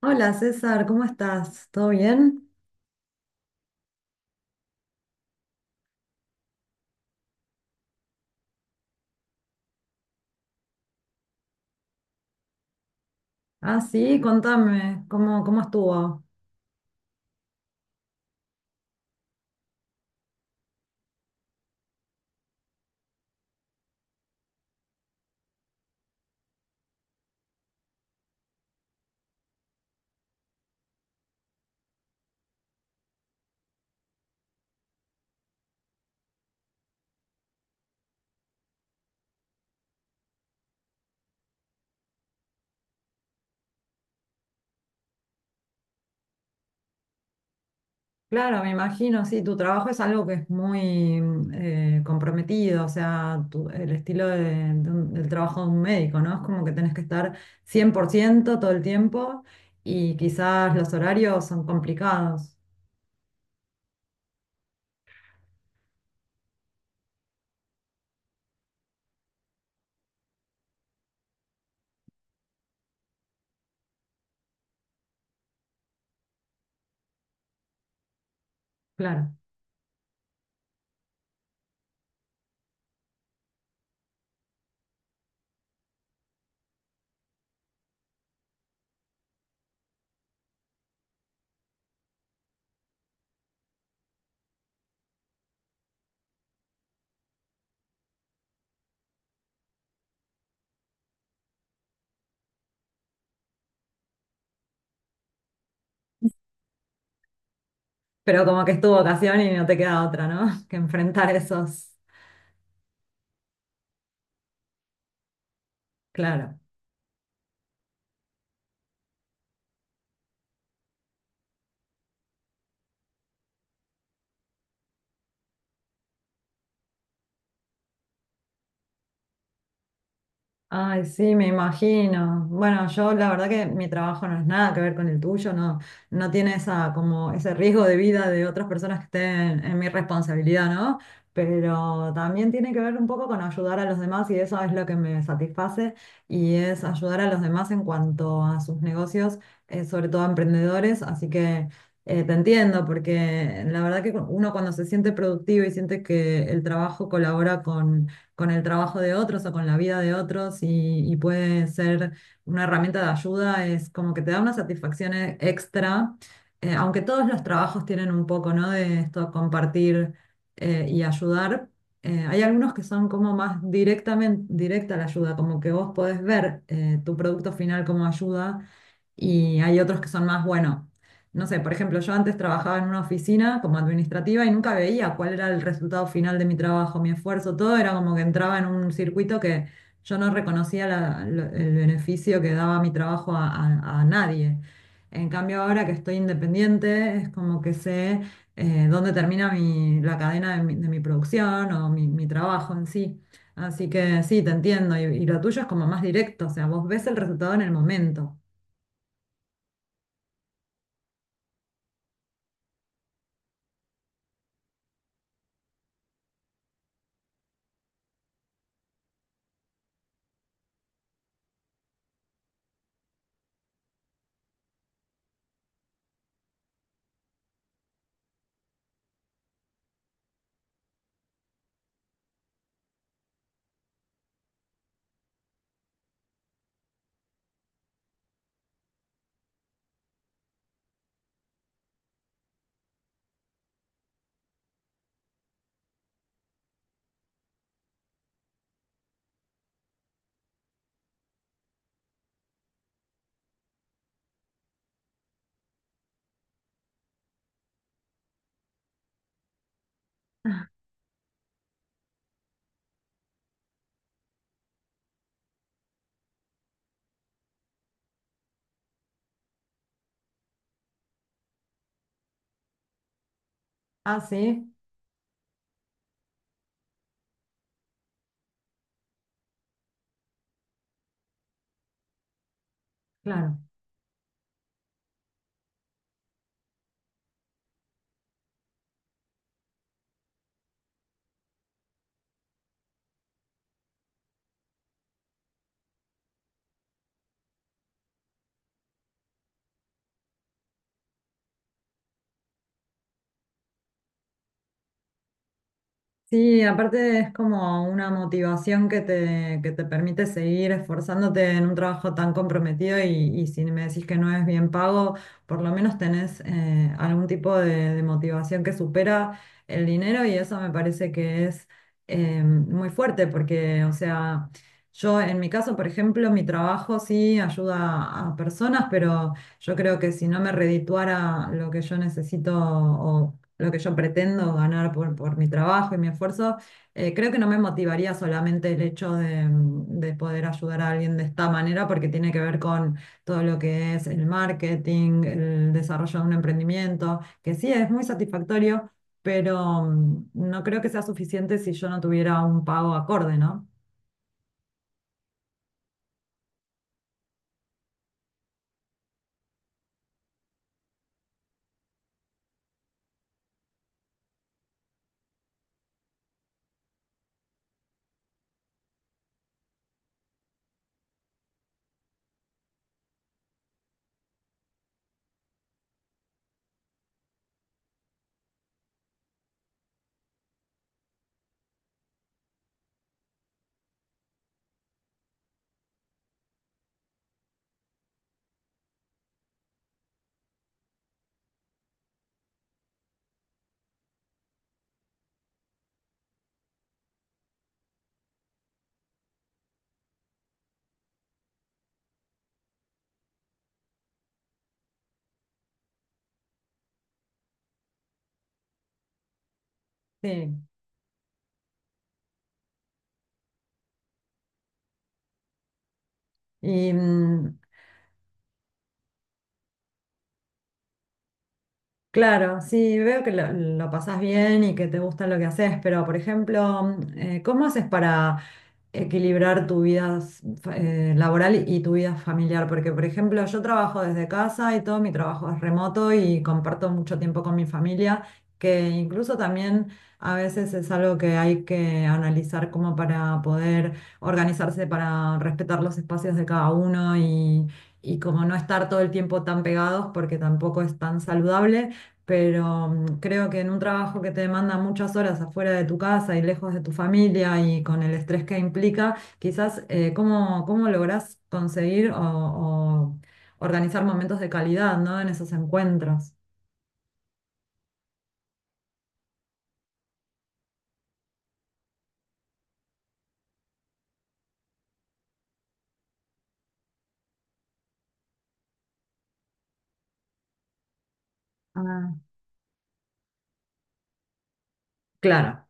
Hola César, ¿cómo estás? ¿Todo bien? Ah, sí, contame, ¿cómo estuvo? Claro, me imagino, sí, tu trabajo es algo que es muy comprometido, o sea, tu- el estilo de un- del trabajo de un médico, ¿no? Es como que tenés que estar 100% todo el tiempo y quizás los horarios son complicados, claro. Pero como que es tu vocación y no te queda otra, ¿no? Que enfrentar esos, claro. Ay, sí, me imagino. Bueno, yo la verdad que mi trabajo no es nada que ver con el tuyo, no, no tiene esa, como ese riesgo de vida de otras personas que estén en mi responsabilidad, ¿no? Pero también tiene que ver un poco con ayudar a los demás y eso es lo que me satisface y es ayudar a los demás en cuanto a sus negocios, sobre todo a emprendedores. Así que te entiendo porque la verdad que uno cuando se siente productivo y siente que el trabajo colabora con el trabajo de otros o con la vida de otros y puede ser una herramienta de ayuda, es como que te da una satisfacción extra, aunque todos los trabajos tienen un poco, ¿no? De esto compartir y ayudar. Hay algunos que son como más directamente directa la ayuda, como que vos podés ver tu producto final como ayuda y hay otros que son más, bueno. No sé, por ejemplo, yo antes trabajaba en una oficina como administrativa y nunca veía cuál era el resultado final de mi trabajo, mi esfuerzo, todo era como que entraba en un circuito que yo no reconocía el beneficio que daba mi trabajo a nadie. En cambio, ahora que estoy independiente, es como que sé dónde termina la cadena de mi producción o mi trabajo en sí. Así que sí, te entiendo. Y lo tuyo es como más directo, o sea, vos ves el resultado en el momento. Ah, sí, claro. Sí, aparte es como una motivación que te permite seguir esforzándote en un trabajo tan comprometido y si me decís que no es bien pago, por lo menos tenés algún tipo de motivación que supera el dinero y eso me parece que es muy fuerte porque, o sea, yo en mi caso, por ejemplo, mi trabajo sí ayuda a personas, pero yo creo que si no me redituara lo que yo necesito o lo que yo pretendo ganar por mi trabajo y mi esfuerzo, creo que no me motivaría solamente el hecho de poder ayudar a alguien de esta manera, porque tiene que ver con todo lo que es el marketing, el desarrollo de un emprendimiento, que sí es muy satisfactorio, pero no creo que sea suficiente si yo no tuviera un pago acorde, ¿no? Sí. Y mm, Claro, sí, veo que lo pasás bien y que te gusta lo que haces, pero por ejemplo, ¿cómo haces para equilibrar tu vida laboral y tu vida familiar? Porque por ejemplo, yo trabajo desde casa y todo mi trabajo es remoto y comparto mucho tiempo con mi familia, que incluso también a veces es algo que hay que analizar como para poder organizarse, para respetar los espacios de cada uno y... Y como no estar todo el tiempo tan pegados porque tampoco es tan saludable, pero creo que en un trabajo que te demanda muchas horas afuera de tu casa y lejos de tu familia y con el estrés que implica, quizás cómo lográs conseguir o organizar momentos de calidad, ¿no? En esos encuentros. Ah, claro,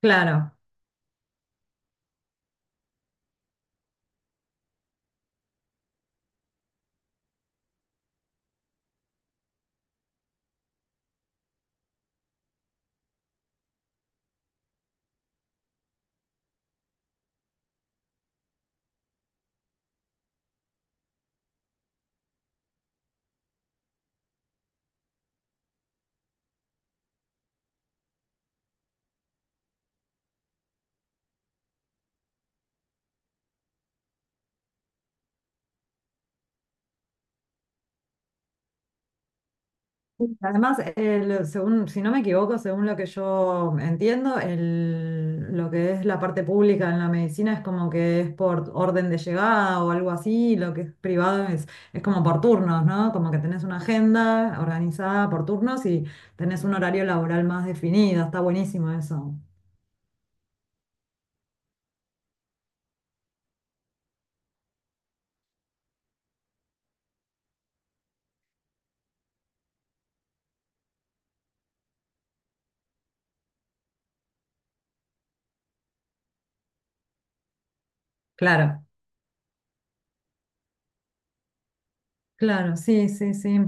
claro. Además, según, si no me equivoco, según lo que yo entiendo, lo que es la parte pública en la medicina es como que es por orden de llegada o algo así, y lo que es privado es como por turnos, ¿no? Como que tenés una agenda organizada por turnos y tenés un horario laboral más definido, está buenísimo eso. Claro. Claro, sí, sí, sí.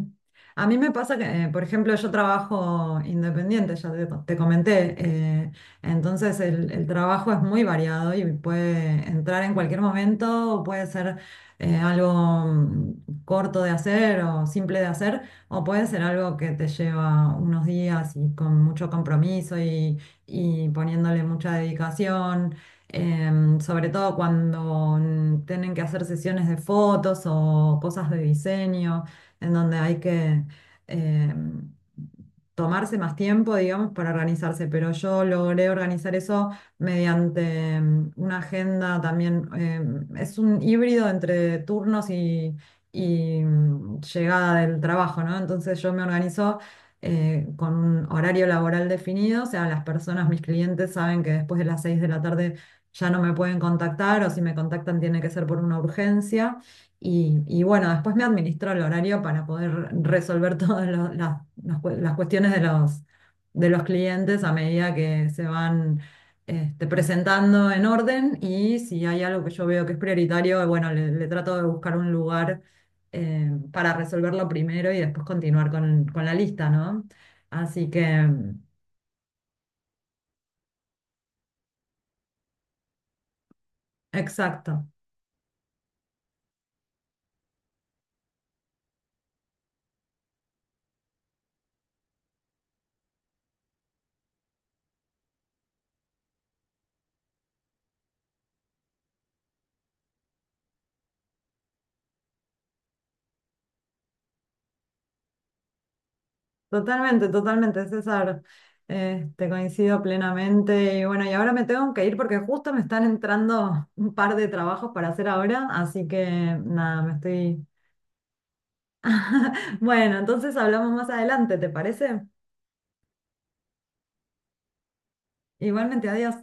A mí me pasa que, por ejemplo, yo trabajo independiente, ya te comenté, entonces el trabajo es muy variado y puede entrar en cualquier momento, puede ser algo corto de hacer o simple de hacer, o puede ser algo que te lleva unos días y con mucho compromiso y poniéndole mucha dedicación sobre todo cuando tienen que hacer sesiones de fotos o cosas de diseño, en donde hay que em, tomarse más tiempo, digamos, para organizarse, pero yo logré organizar eso mediante una agenda también, es un híbrido entre turnos y llegada del trabajo, ¿no? Entonces yo me organizo con un horario laboral definido, o sea, las personas, mis clientes saben que después de las 6 de la tarde ya no me pueden contactar o si me contactan tiene que ser por una urgencia. Y bueno, después me administro el horario para poder resolver las las cuestiones de los clientes a medida que se van presentando en orden y si hay algo que yo veo que es prioritario, bueno, le trato de buscar un lugar para resolverlo primero y después continuar con la lista, ¿no? Así que, exacto. Totalmente, totalmente, César. Te coincido plenamente. Y bueno, y ahora me tengo que ir porque justo me están entrando un par de trabajos para hacer ahora, así que nada, me estoy... Bueno, entonces hablamos más adelante, ¿te parece? Igualmente, adiós.